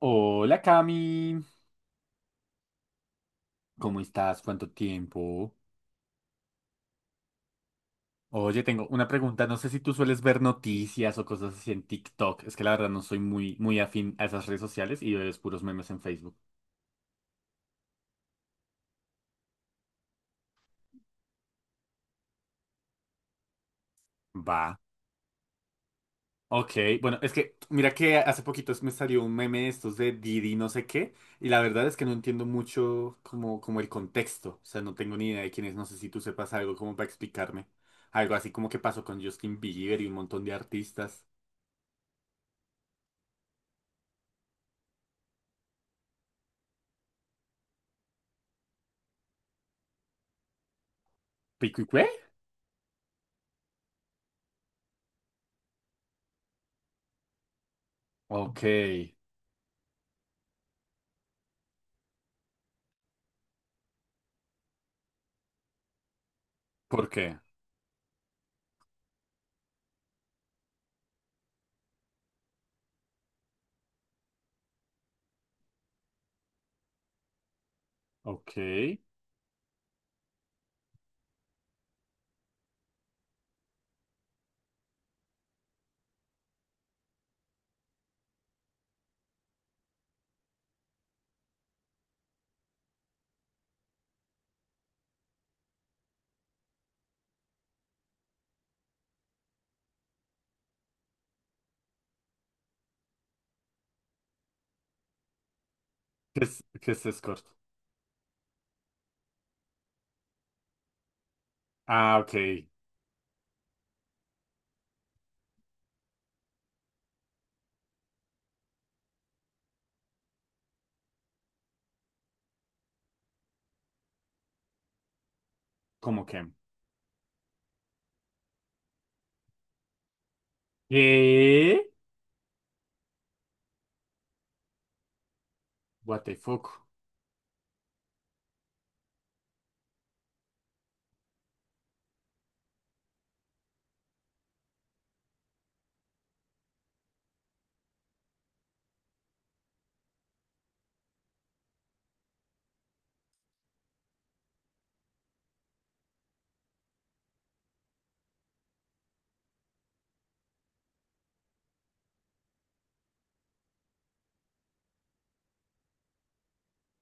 Hola Cami, ¿cómo estás? ¿Cuánto tiempo? Oye, tengo una pregunta, no sé si tú sueles ver noticias o cosas así en TikTok, es que la verdad no soy muy afín a esas redes sociales y veo es puros memes en Facebook. Va. Ok, bueno, es que mira que hace poquito me salió un meme de estos de Didi no sé qué, y la verdad es que no entiendo mucho como el contexto, o sea, no tengo ni idea de quién es, no sé si tú sepas algo como para explicarme, algo así como que pasó con Justin Bieber y un montón de artistas. ¿Pico y qué? Ok. ¿Por qué? Ok. Qué es escort? Ah, ok. ¿Cómo que? ¿Qué? What the fuck.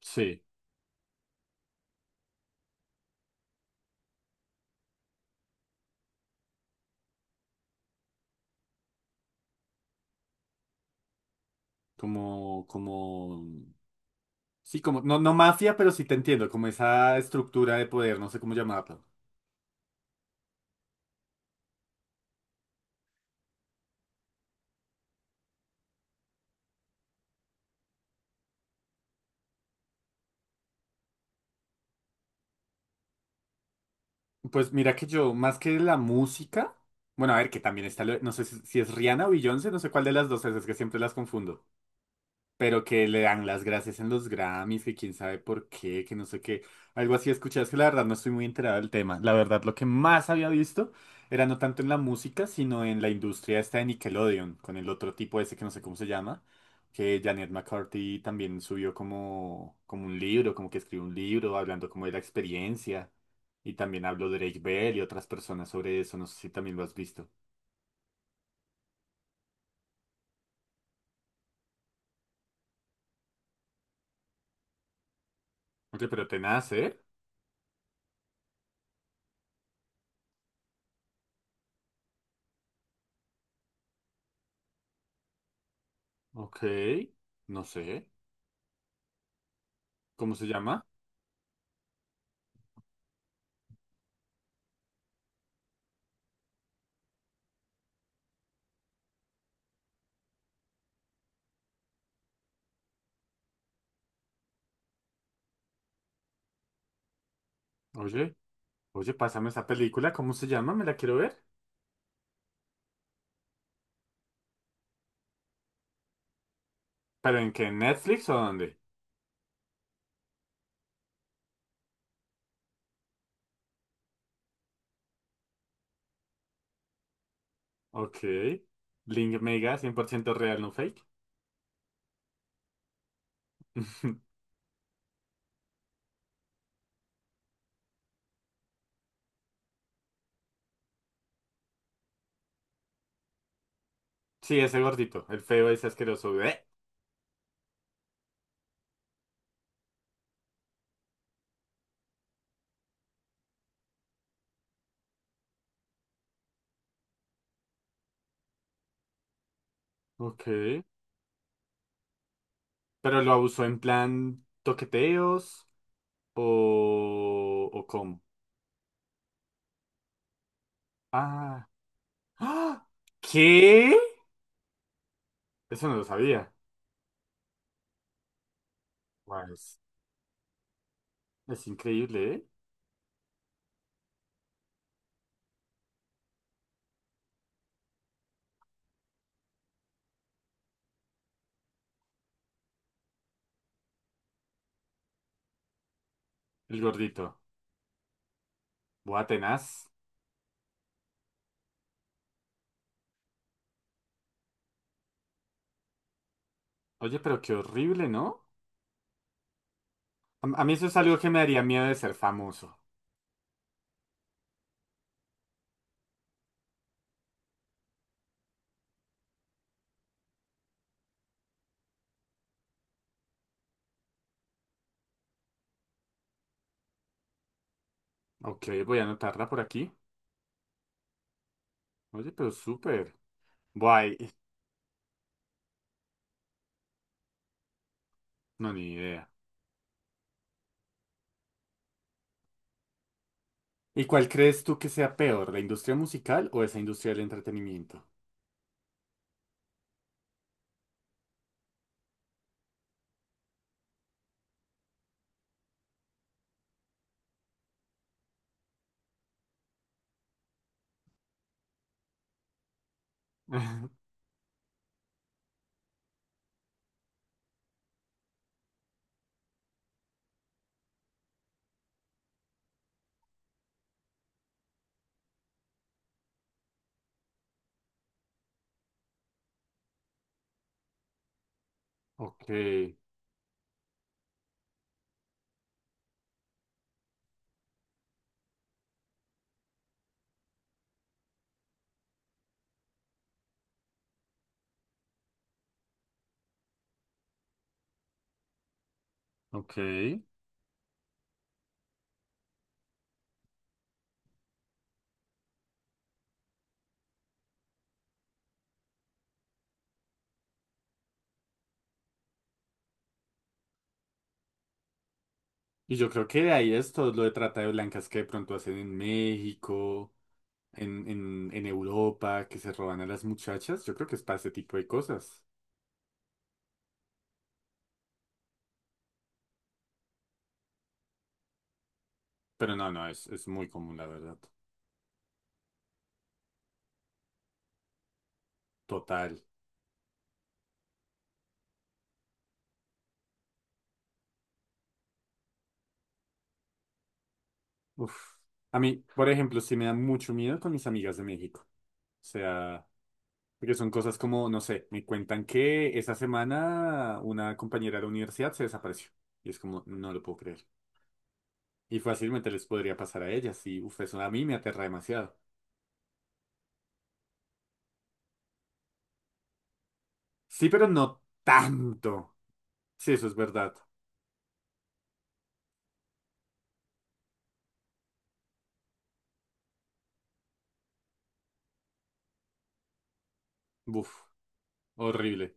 Sí. Como, como. Sí, como. No, no mafia, pero sí te entiendo. Como esa estructura de poder, no sé cómo llamarlo. Pues mira que yo, más que la música. Bueno, a ver, que también está. No sé si es Rihanna o Beyoncé, no sé cuál de las dos es que siempre las confundo. Pero que le dan las gracias en los Grammys, que quién sabe por qué, que no sé qué, algo así escuché, es que la verdad no estoy muy enterado del tema. La verdad lo que más había visto era no tanto en la música, sino en la industria esta de Nickelodeon, con el otro tipo ese que no sé cómo se llama, que Janet McCarthy también subió como un libro, como que escribió un libro hablando como de la experiencia. Y también habló Drake Bell y otras personas sobre eso, no sé si también lo has visto. Oye, pero tenaz, ¿eh? Ok, no sé. ¿Cómo se llama? Oye. Oye, pásame esa película, ¿cómo se llama? Me la quiero ver. ¿Pero en qué? ¿En ¿Netflix o dónde? Ok. Link Mega, 100% real, no fake. Sí, ese gordito, el feo ese asqueroso. Bleh. Ok. ¿Pero lo abusó en plan toqueteos o cómo? Ah. ¡Ah! ¿Qué? Eso no lo sabía. Guau, es increíble, ¿eh? El gordito. Buah, tenaz. Oye, pero qué horrible, ¿no? A mí eso es algo que me daría miedo de ser famoso. Ok, voy a anotarla por aquí. Oye, pero súper. Guay, no, ni idea. ¿Y cuál crees tú que sea peor, la industria musical o esa industria del entretenimiento? Ok, ok. Y yo creo que de ahí es todo lo de trata de blancas que de pronto hacen en México, en Europa, que se roban a las muchachas. Yo creo que es para ese tipo de cosas. Pero no, es muy común, la verdad. Total. Uf. A mí, por ejemplo, sí me da mucho miedo con mis amigas de México. O sea... Porque son cosas como, no sé, me cuentan que esa semana una compañera de la universidad se desapareció. Y es como, no lo puedo creer. Y fácilmente les podría pasar a ellas. Y uf, eso a mí me aterra demasiado. Sí, pero no tanto. Sí, eso es verdad. Uf, horrible.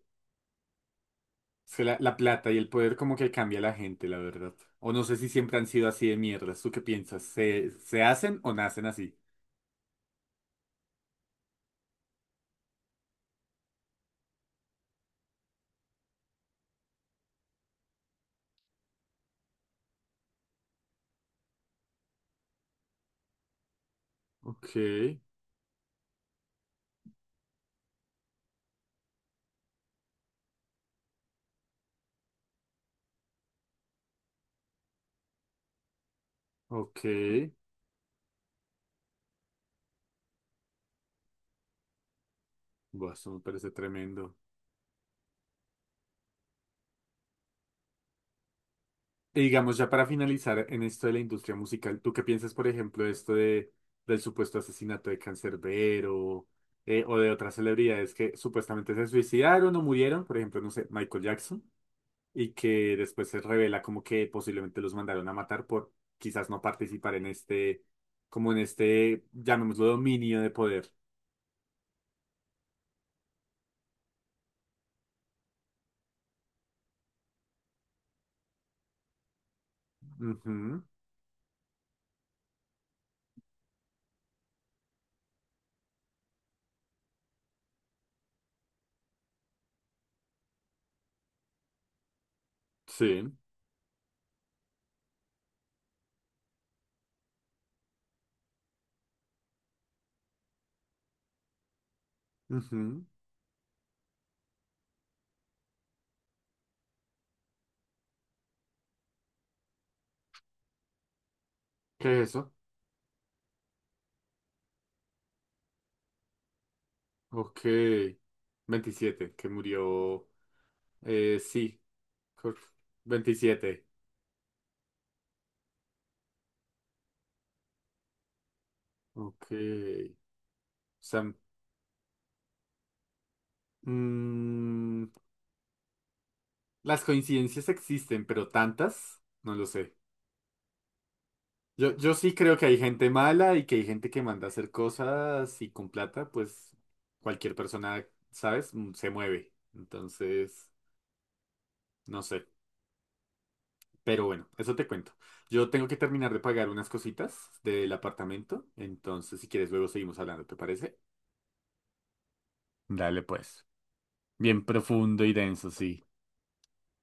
Es que la plata y el poder como que cambia a la gente, la verdad. O no sé si siempre han sido así de mierdas. ¿Tú qué piensas? ¿Se hacen o nacen así? Ok, ok. Buah, eso me parece tremendo. Y digamos, ya para finalizar en esto de la industria musical, ¿tú qué piensas, por ejemplo, de esto de, del supuesto asesinato de Canserbero, o de otras celebridades que supuestamente se suicidaron o murieron? Por ejemplo, no sé, Michael Jackson, y que después se revela como que posiblemente los mandaron a matar por quizás no participar en este, como en este, llamémoslo, dominio de poder. Ujú, sí. Ujú. ¿Qué es eso? Ok. 27 que murió. Sí. Cor- 27. Ok. O sea, mm, las coincidencias existen, pero tantas, no lo sé. Yo sí creo que hay gente mala y que hay gente que manda a hacer cosas y con plata, pues cualquier persona, ¿sabes? Se mueve. Entonces, no sé. Pero bueno, eso te cuento. Yo tengo que terminar de pagar unas cositas del apartamento. Entonces, si quieres, luego seguimos hablando, ¿te parece? Dale, pues. Bien profundo y denso, sí.